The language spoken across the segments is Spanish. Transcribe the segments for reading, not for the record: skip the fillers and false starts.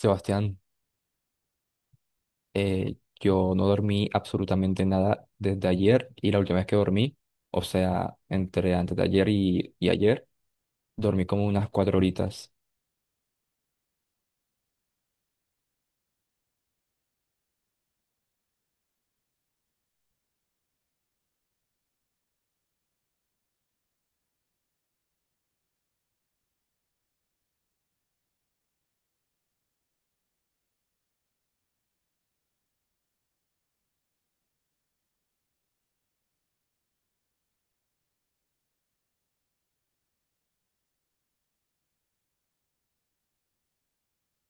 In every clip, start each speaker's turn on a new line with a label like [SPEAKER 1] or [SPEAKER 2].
[SPEAKER 1] Sebastián, yo no dormí absolutamente nada desde ayer y la última vez que dormí, o sea, entre antes de ayer y ayer, dormí como unas 4 horitas.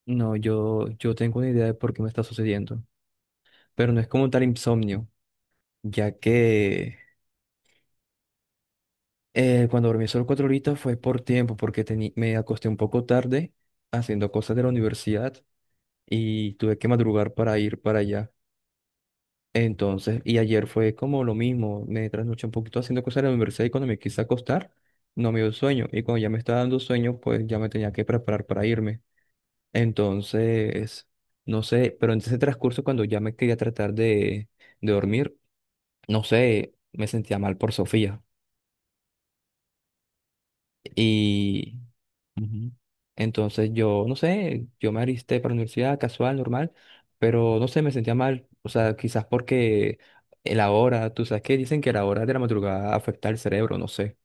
[SPEAKER 1] No, yo tengo una idea de por qué me está sucediendo, pero no es como tal insomnio, ya que cuando dormí solo 4 horitas fue por tiempo, porque me acosté un poco tarde haciendo cosas de la universidad y tuve que madrugar para ir para allá. Entonces, y ayer fue como lo mismo, me trasnoché un poquito haciendo cosas en la universidad y cuando me quise acostar, no me dio sueño. Y cuando ya me estaba dando sueño, pues ya me tenía que preparar para irme. Entonces, no sé, pero en ese transcurso cuando ya me quería tratar de dormir, no sé, me sentía mal por Sofía. Y, ujú. Entonces yo, no sé, yo me alisté para la universidad casual, normal, pero no sé, me sentía mal. O sea, quizás porque la hora, tú sabes que dicen que la hora de la madrugada afecta al cerebro, no sé,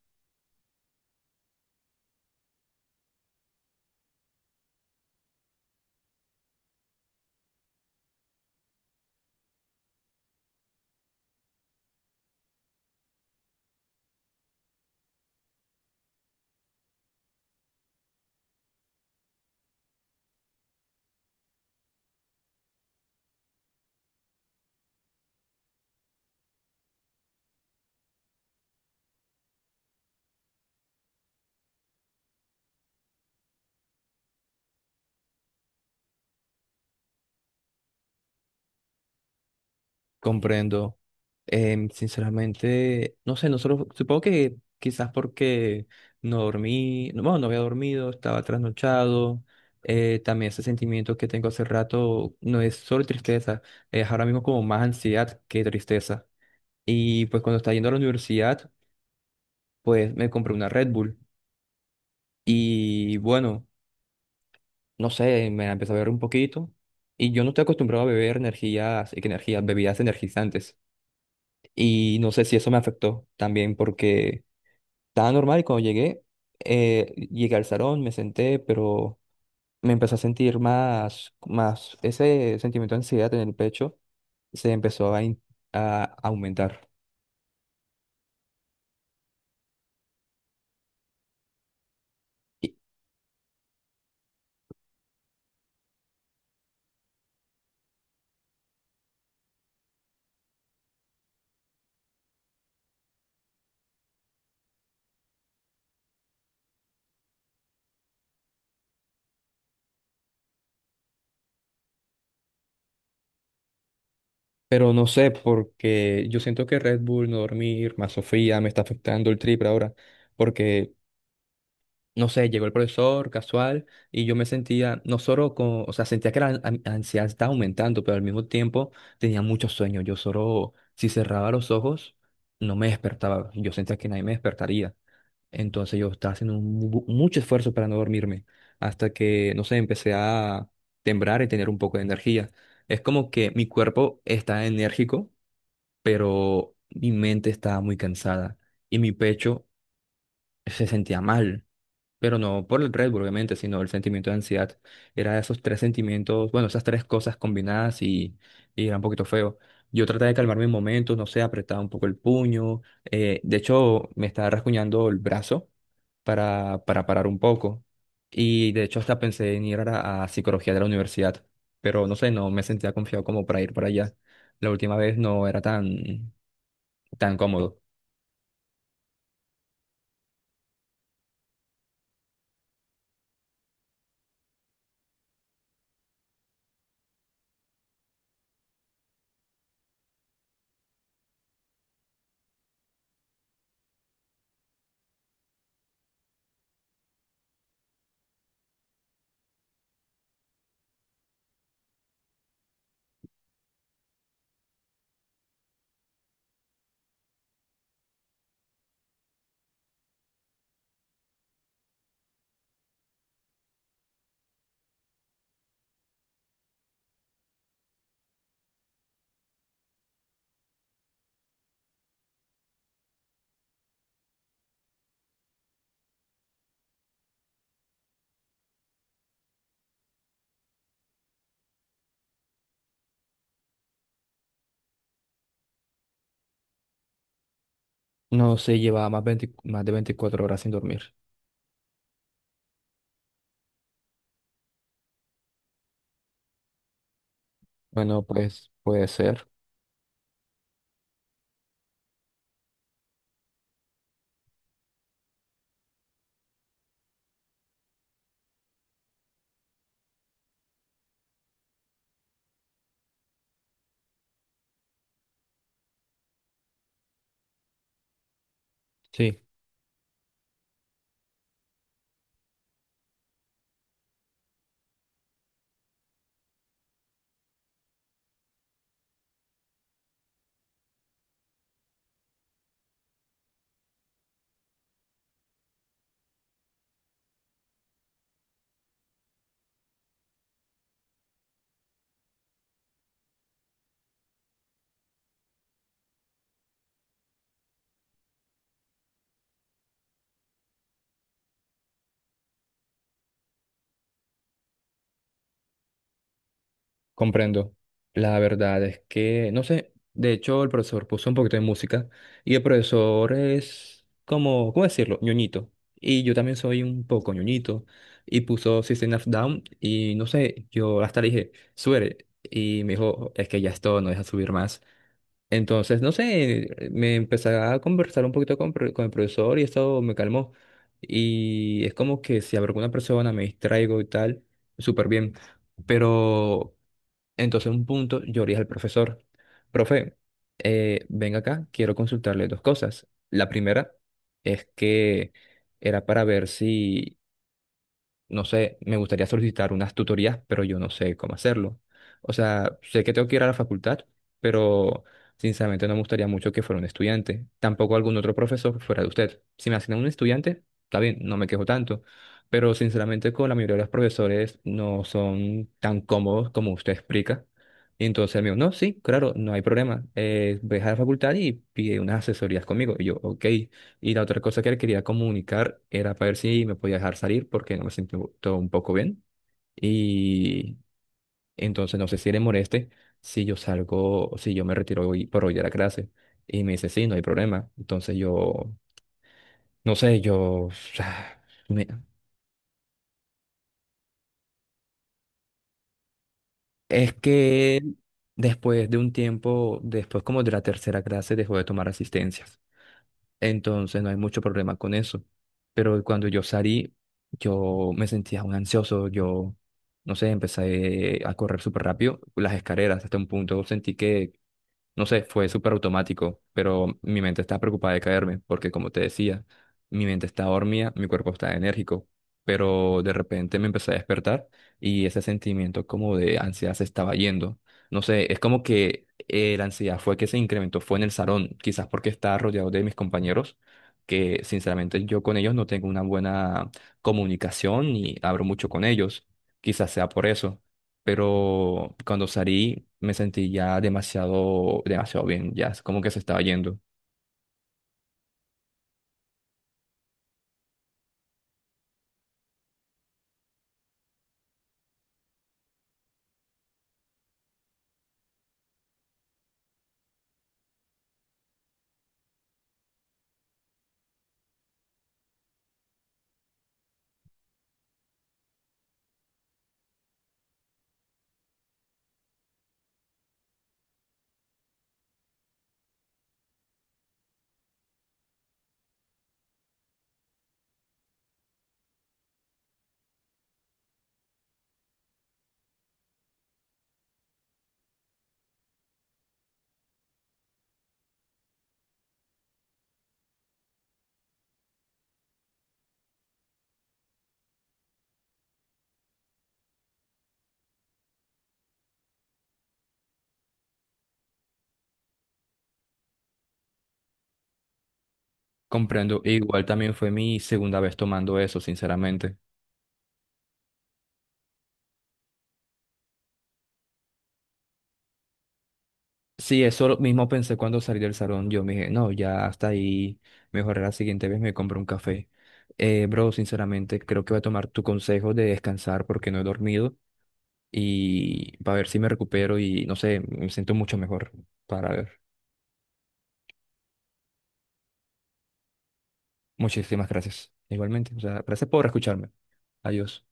[SPEAKER 1] comprendo. Sinceramente, no sé, nosotros, supongo que quizás porque no dormí, no, bueno, no había dormido, estaba trasnochado. También ese sentimiento que tengo hace rato no es solo tristeza, es ahora mismo como más ansiedad que tristeza. Y pues cuando estaba yendo a la universidad, pues me compré una Red Bull. Y bueno, no sé, me la empecé a beber un poquito. Y yo no estoy acostumbrado a beber energías, que energías, bebidas energizantes. Y no sé si eso me afectó también porque estaba normal y cuando llegué, llegué al salón, me senté, pero me empecé a sentir más, ese sentimiento de ansiedad en el pecho se empezó a aumentar. Pero no sé, porque yo siento que Red Bull, no dormir, más Sofía, me está afectando el triple ahora. Porque, no sé, llegó el profesor casual y yo me sentía, no solo con, o sea, sentía que la ansiedad estaba aumentando, pero al mismo tiempo tenía mucho sueño. Yo solo, si cerraba los ojos, no me despertaba. Yo sentía que nadie me despertaría. Entonces yo estaba haciendo un mucho esfuerzo para no dormirme. Hasta que, no sé, empecé a temblar y tener un poco de energía. Es como que mi cuerpo está enérgico, pero mi mente estaba muy cansada y mi pecho se sentía mal, pero no por el Red Bull, obviamente, sino el sentimiento de ansiedad. Era esos tres sentimientos, bueno, esas tres cosas combinadas y era un poquito feo. Yo traté de calmarme en momentos, no sé, apretaba un poco el puño, de hecho me estaba rasguñando el brazo para parar un poco y de hecho hasta pensé en ir a psicología de la universidad, pero no sé, no me sentía confiado como para ir para allá. La última vez no era tan cómodo. No sé, llevaba más, 20 más de 24 horas sin dormir. Bueno, pues puede ser. Sí, comprendo. La verdad es que, no sé, de hecho el profesor puso un poquito de música y el profesor es como, ¿cómo decirlo?, ñoñito. Y yo también soy un poco ñoñito y puso System of Down y no sé, yo hasta le dije, sube. Y me dijo, es que ya es todo, no deja subir más. Entonces, no sé, me empecé a conversar un poquito con el profesor y eso me calmó. Y es como que si hablo con una persona, me distraigo y tal, súper bien. Pero entonces un punto yo le dije al profesor, profe, venga acá, quiero consultarle dos cosas. La primera es que era para ver si no sé, me gustaría solicitar unas tutorías, pero yo no sé cómo hacerlo. O sea, sé que tengo que ir a la facultad, pero sinceramente no me gustaría mucho que fuera un estudiante, tampoco algún otro profesor fuera de usted. Si me asignan un estudiante, está bien, no me quejo tanto, pero sinceramente con la mayoría de los profesores no son tan cómodos como usted explica. Y entonces el mío, no, sí, claro, no hay problema. Ve a la facultad y pide unas asesorías conmigo. Y yo, ok. Y la otra cosa que le quería comunicar era para ver si me podía dejar salir porque no me siento todo un poco bien. Y entonces no sé si le moleste si yo salgo, o si yo me retiro hoy por hoy de la clase. Y me dice, sí, no hay problema. Entonces yo, no sé, yo, me- es que después de un tiempo, después como de la tercera clase, dejó de tomar asistencias. Entonces no hay mucho problema con eso. Pero cuando yo salí, yo me sentía un ansioso, yo, no sé, empecé a correr súper rápido las escaleras hasta un punto, sentí que no sé, fue súper automático, pero mi mente está preocupada de caerme, porque como te decía, mi mente está dormida, mi cuerpo está enérgico, pero de repente me empecé a despertar y ese sentimiento como de ansiedad se estaba yendo. No sé, es como que la ansiedad fue que se incrementó, fue en el salón, quizás porque estaba rodeado de mis compañeros, que sinceramente yo con ellos no tengo una buena comunicación ni hablo mucho con ellos, quizás sea por eso, pero cuando salí me sentí ya demasiado, demasiado bien, ya es como que se estaba yendo. Comprendo, e igual también fue mi segunda vez tomando eso, sinceramente. Sí, eso lo mismo pensé cuando salí del salón, yo me dije, no, ya hasta ahí, mejor la siguiente vez me compro un café. Bro, sinceramente, creo que voy a tomar tu consejo de descansar porque no he dormido y para ver si me recupero y no sé, me siento mucho mejor para ver. Muchísimas gracias. Igualmente, o sea, gracias por escucharme. Adiós.